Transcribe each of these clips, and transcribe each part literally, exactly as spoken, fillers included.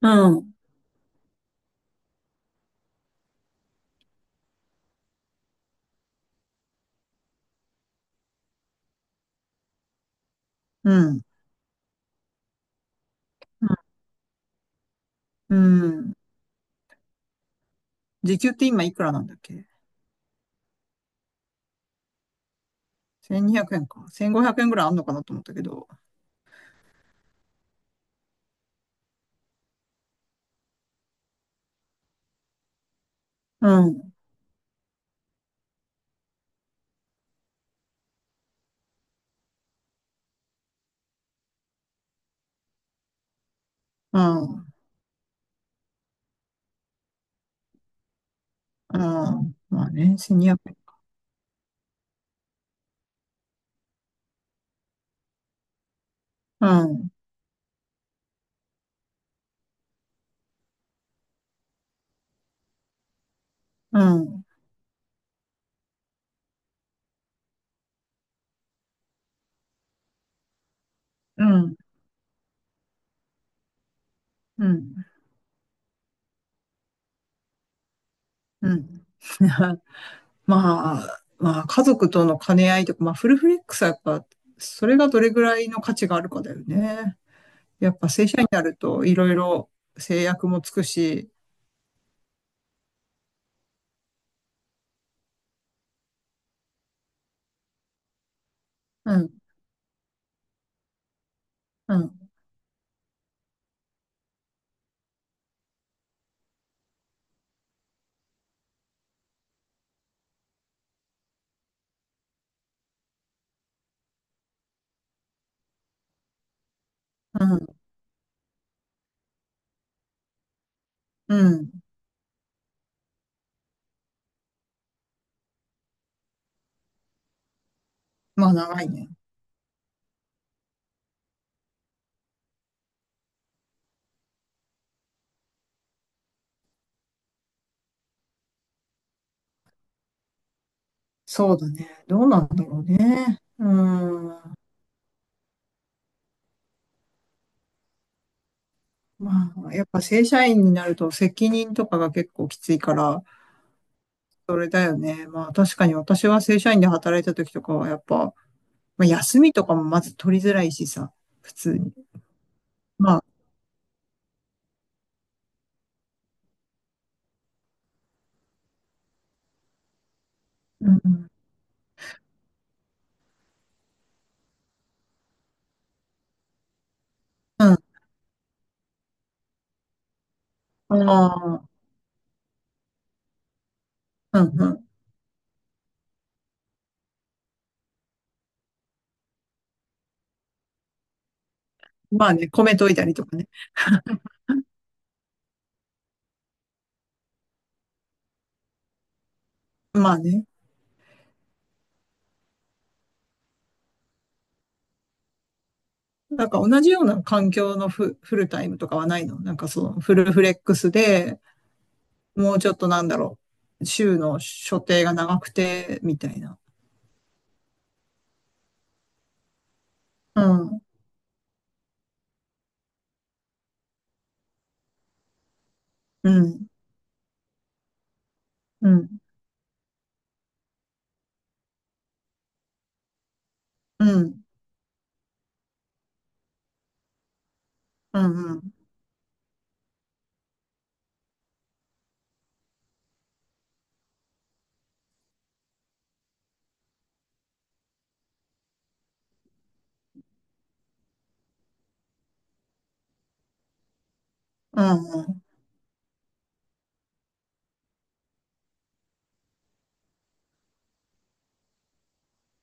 うん。うん。うん。うん。時給って今いくらなんだっけ？ せんにひゃく 円か。せんごひゃくえんぐらいあんのかなと思ったけど。うん。うん。うん。まあね、せんにひゃく。うん。うん。うん。うん。うん。まあ、まあ、家族との兼ね合いとか、まあ、フルフレックスはやっぱ、それがどれぐらいの価値があるかだよね。やっぱ正社員になると、いろいろ制約もつくし、うん、うん、うん、うん。まあ、長いね。そうだね。どうなんだろうね。うん。まあ、やっぱ正社員になると責任とかが結構きついから、それだよね。まあ確かに私は正社員で働いた時とかはやっぱ、まあ、休みとかもまず取りづらいしさ、普通に。まあ、うん。うん。ああ、うんうん。まあね、米といたりとかね。まあね。なんか同じような環境のフ、フルタイムとかはないのなんかそのフルフレックスで、もうちょっとなんだろう、週の所定が長くて、みたいな。うん、うん、うん、うん、うん、うん、うん、うん。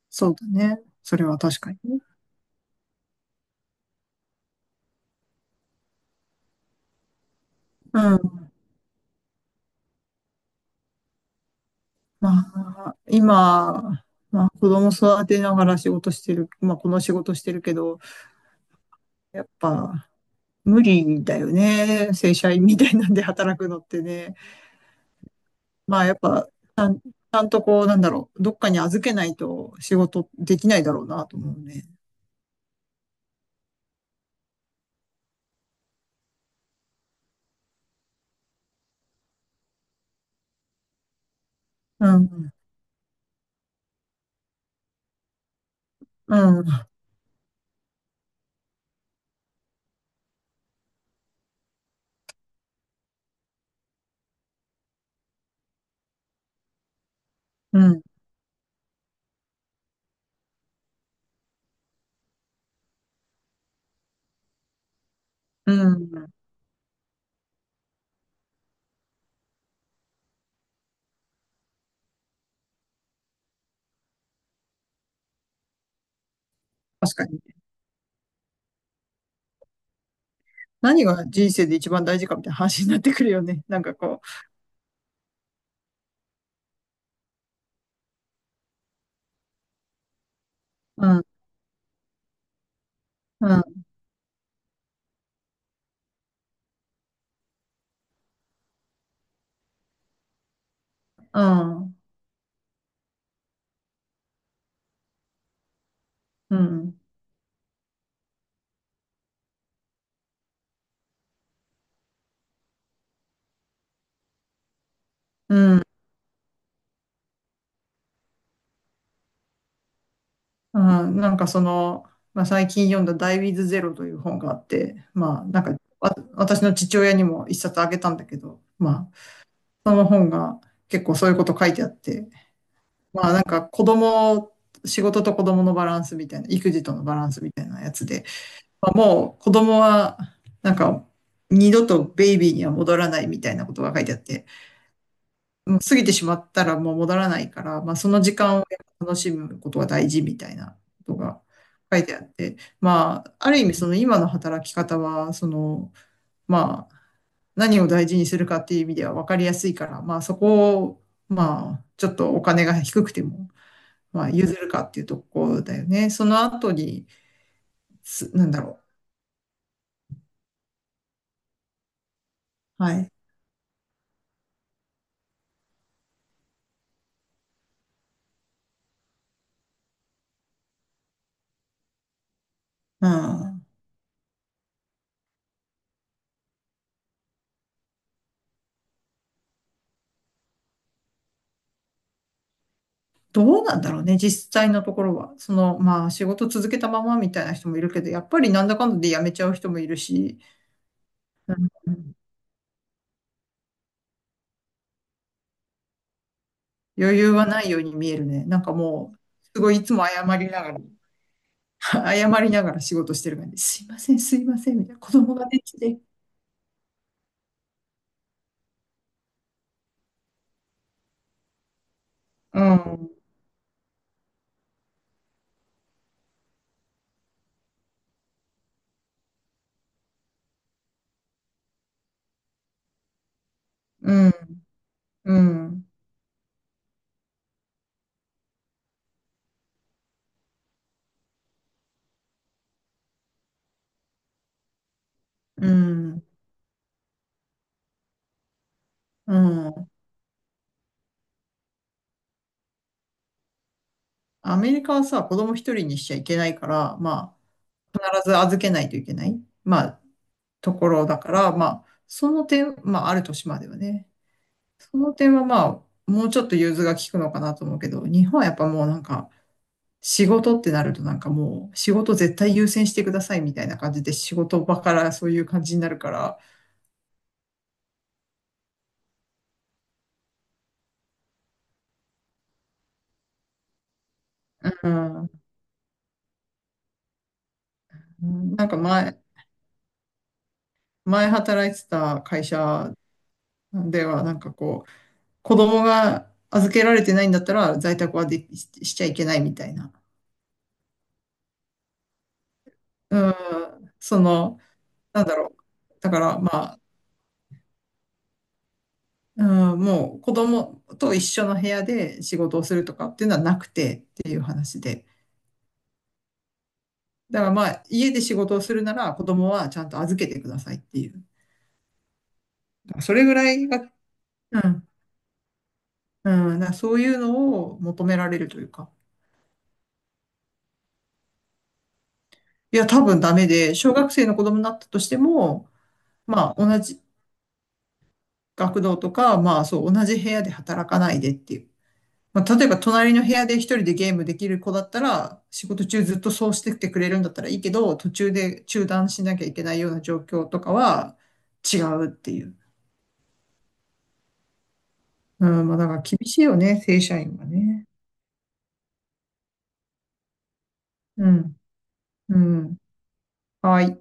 そうだね。それは確かにね。うん。まあ、今、まあ、子供育てながら仕事してる、まあ、この仕事してるけど、やっぱ、無理だよね。正社員みたいなんで働くのってね。まあ、やっぱ、ちゃん、ちゃんとこう、なんだろう、どっかに預けないと仕事できないだろうなと思うね。うん、うん。うん。うん。確かに。何が人生で一番大事かみたいな話になってくるよね。なんかこう。うん。うん。うん。うん。うん。うん。なんかその、まあ、最近読んだダイ・ウィズ・ゼロという本があって、まあなんかわ私の父親にも一冊あげたんだけど、まあその本が結構そういうこと書いてあって、まあなんか子供、仕事と子供のバランスみたいな、育児とのバランスみたいなやつで、まあもう子供は、なんか、二度とベイビーには戻らないみたいなことが書いてあって、もう過ぎてしまったらもう戻らないから、まあその時間を楽しむことが大事みたいなことが書いてあって、まあ、ある意味その今の働き方は、その、まあ、何を大事にするかっていう意味では分かりやすいから、まあそこを、まあ、ちょっとお金が低くても、まあ譲るかっていうところだよね。その後に、すなんだろう。はい。うん。どうなんだろうね、実際のところは。その、まあ、仕事続けたままみたいな人もいるけど、やっぱりなんだかんだで辞めちゃう人もいるし、うん。余裕はないように見えるね。なんかもう、すごいいつも謝りながら、謝りながら仕事してる感じ。すいません、すいません、みたいな。子供ができて。うん、うん、うん、うん、うん。アメリカはさ、子供一人にしちゃいけないから、まあ、必ず預けないといけない、まあ、ところだから、まあ、その点、まあ、ある年まではね。その点はまあ、もうちょっと融通が利くのかなと思うけど、日本はやっぱもうなんか、仕事ってなるとなんかもう、仕事絶対優先してくださいみたいな感じで、仕事場からそういう感じになるから、うん、なんか前、前、働いてた会社ではなんかこう、子供が預けられてないんだったら在宅はできししちゃいけないみたいな。うん、その、なんだろう。だからまあ、うん、もう子供と一緒の部屋で仕事をするとかっていうのはなくてっていう話で。だからまあ家で仕事をするなら子供はちゃんと預けてくださいっていう。それぐらいが、うん、うん、だからそういうのを求められるというか。いや、多分ダメで、小学生の子供になったとしても、まあ同じ学童とか、まあそう同じ部屋で働かないでっていう。まあ、例えば隣の部屋で一人でゲームできる子だったら、仕事中ずっとそうしててくれるんだったらいいけど、途中で中断しなきゃいけないような状況とかは違うっていう。うん、まあだから厳しいよね、正社員はね。うん、うん、はい。